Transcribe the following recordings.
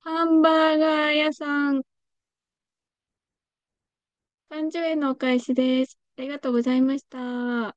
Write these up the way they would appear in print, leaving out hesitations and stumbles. ハンバーガー屋さん、30円のお返しです。ありがとうございました。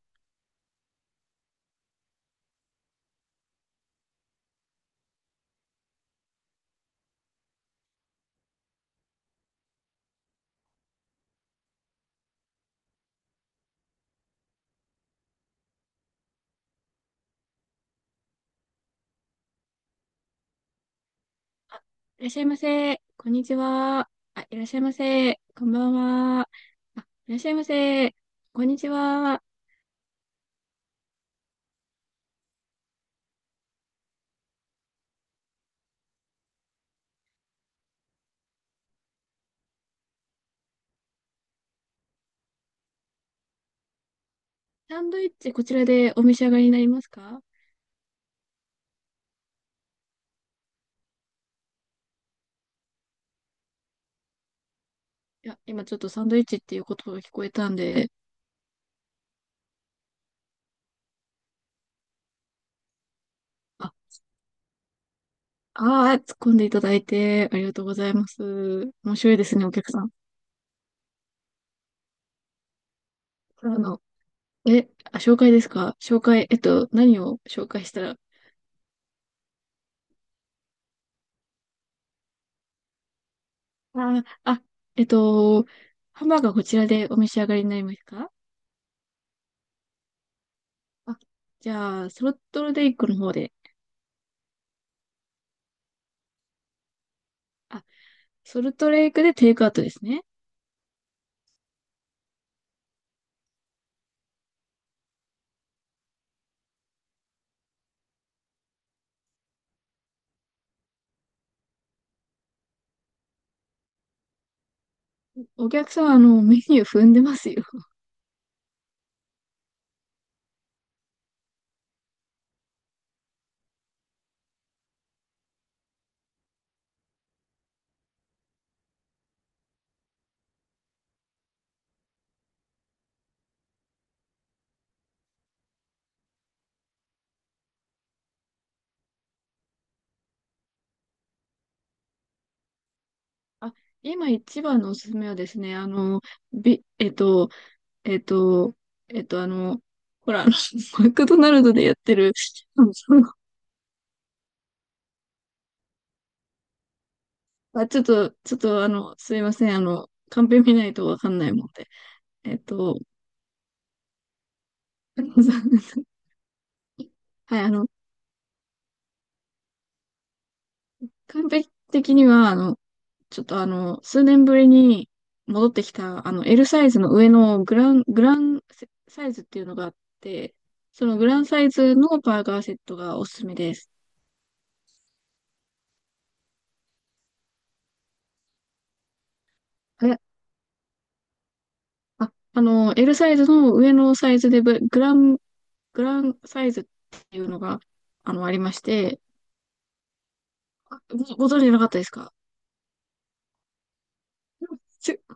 いらっしゃいませ。こんにちは。あ、いらっしゃいませ。こんばんは。あ、いらっしゃいませ。こんにちは。サンドイッチ、こちらでお召し上がりになりますか？いや、今ちょっとサンドイッチっていう言葉が聞こえたんで。あ、あー突っ込んでいただいてありがとうございます。面白いですね、お客さん。あの、紹介ですか？紹介、何を紹介したら。あ、あ、えっと、ハンバーガーこちらでお召し上がりになりますか？あ、じゃあ、ソルトレイクの方で。あ、ソルトレイクでテイクアウトですね。お客さん、メニュー踏んでますよ。あ、今一番のおすすめはですね、あの、ビ、えっと、えっと、えっと、あの、ほら、マクドナルドでやってる、あのそのあ、ちょっと、ちょっと、あの、すいません、カンペ見ないとわかんないもんで。えっと、はい、完璧的には、あの、ちょっとあの、数年ぶりに戻ってきた、L サイズの上のグランサイズっていうのがあって、そのグランサイズのバーガーセットがおすすめです。え、あ、あの、L サイズの上のサイズでブ、グラン、グランサイズっていうのが、ありまして。あ、ご、ご存知なかったですか？ちょ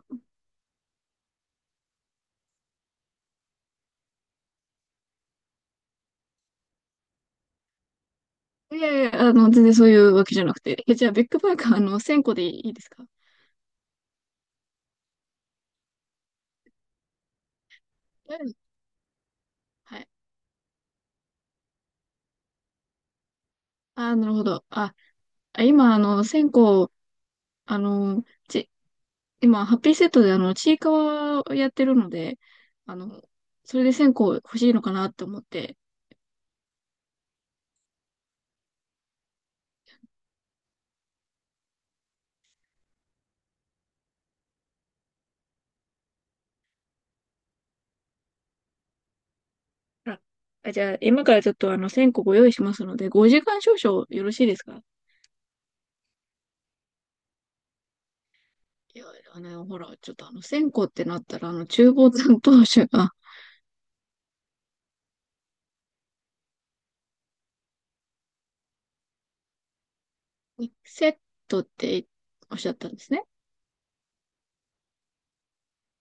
いやいや、全然そういうわけじゃなくて。え、じゃあ、ビッグバーガー、1000個でいいですか？うん、はい。あー、なるほど。あ、あ今、あの、線香、あの、ち、今、ハッピーセットで、ちいかわをやってるので、あの、それで線香欲しいのかなって思って。あ、あじゃあ、今からちょっと、線香ご用意しますので、5時間少々よろしいですか？いや、ほら、ちょっと、あの、線香ってなったら、厨房担当者が。 セットっておっしゃったんですね。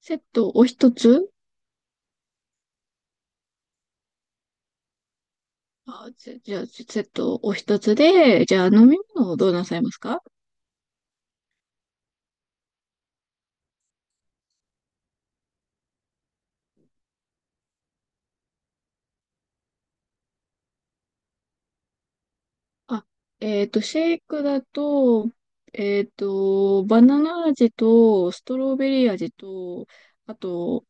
セットお一つ。あ、じゃじゃあ、セットお一つで、じゃあ、飲み物をどうなさいますか？あ、シェイクだと、バナナ味と、ストロベリー味と、あと、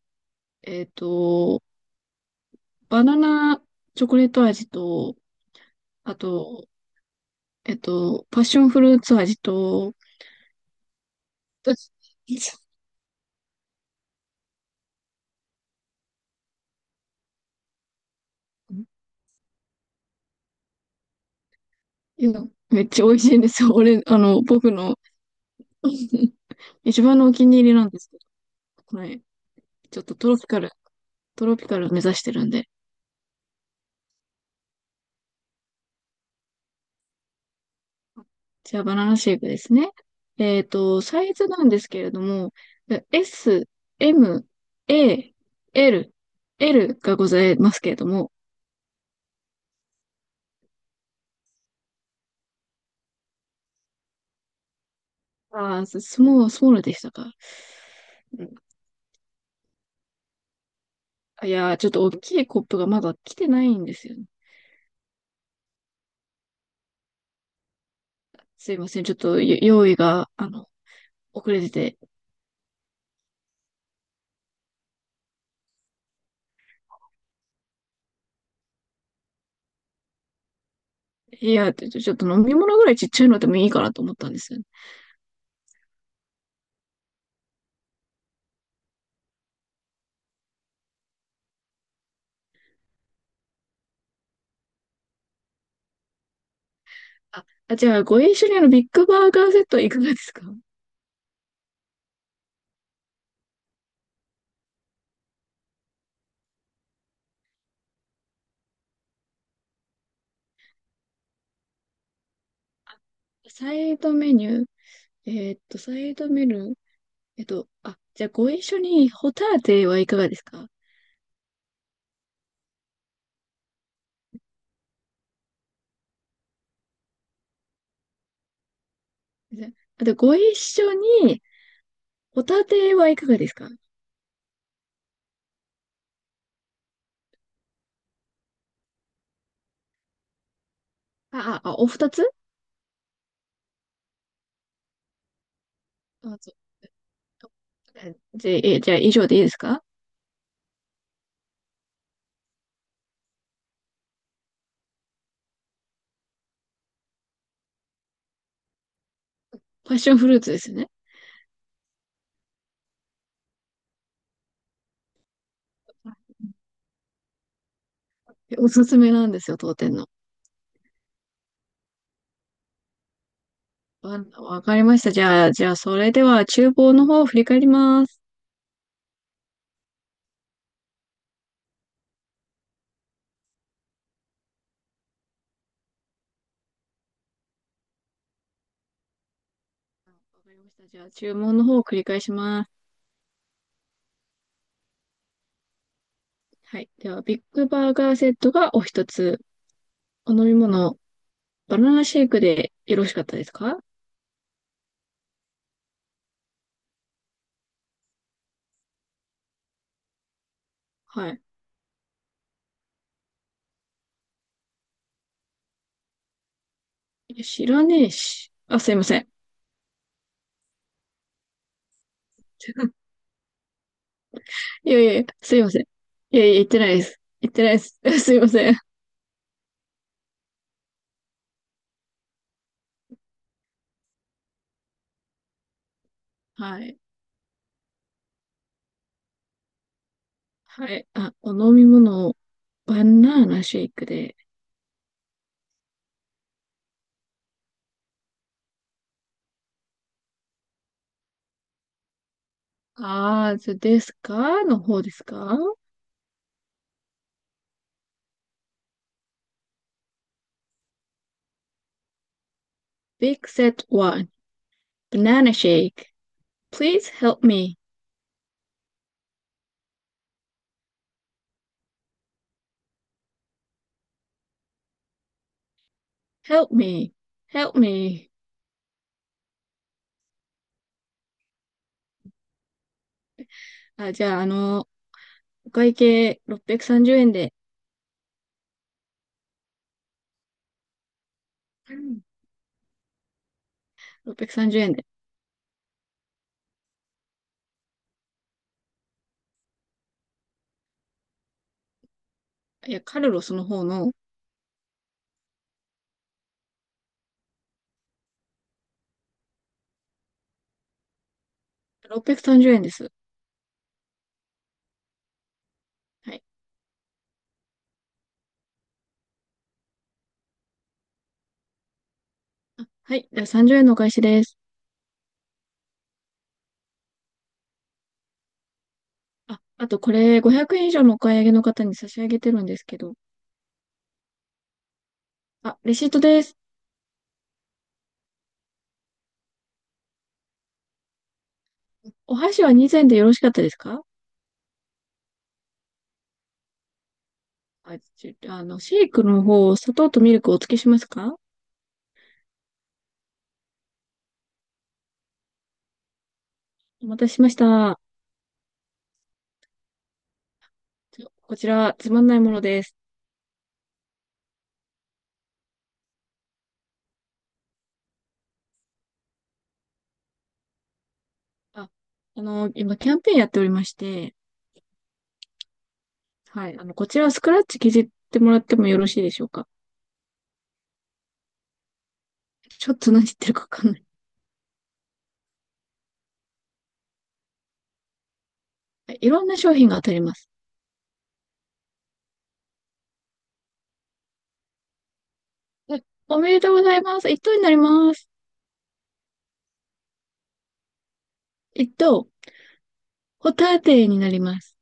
えっと、バナナチョコレート味と、あと、パッションフルーツ味と。いや、めっちゃ美味しいんですよ。俺、僕の一番のお気に入りなんですけど、はい。ちょっとトロピカル目指してるんで。じゃあ、バナナシェイクですね。サイズなんですけれども、え、 S、M、A、L、L がございますけれども。そうでしたか。うん、いやー、ちょっと大きいコップがまだ来てないんですよね。すいません、ちょっとよ用意が、遅れてて。いや、ちょっと飲み物ぐらいちっちゃいのでもいいかなと思ったんですよね。あ、あじゃあ、ご一緒にビッグバーガーセットいかがですか？サイドメニュー。えーっと、サイドメニュー、あ、じゃあご一緒にホタテはいかがですか？じゃあ、あとご一緒にホタテはいかがですか？お二つ。あ、そう。じゃあ、えじゃあ以上でいいですか？パッションフルーツですよね。え、おすすめなんですよ、当店の。わかりました。じゃあ、それでは厨房の方を振り返ります。わかりました。じゃあ、注文の方を繰り返します。はい。では、ビッグバーガーセットがお一つ。お飲み物、バナナシェイクでよろしかったですか？はい。いや、知らねえし。あ、すいません。いやいやいや、すいません。いやいや、言ってないです。言ってないです。すいません。はい。はい。あ、お飲み物をバナナシェイクで。あーずですかの方ですか ?Big Set one、Banana Shake. Please help me. Help me. Help me. あ、じゃあ、あの、お会計630円で。うん、630円で。いや、カルロスの方の。630円です。はい。あ、はい。では30円のお返しです。あ、あとこれ500円以上のお買い上げの方に差し上げてるんですけど。あ、レシートです。お箸は2膳でよろしかったですか？あ、ちあの、シェイクの方、砂糖とミルクをお付けしますか？お待たせしました。こちら、つまんないものです。あ、今キャンペーンやっておりまして、はい。こちらはスクラッチ削ってもらってもよろしいでしょうか？ちょっと何言ってるかわかんない。はい、いろんな商品が当たります。はい、おめでとうございます。一等になります。一等。ホタテになります。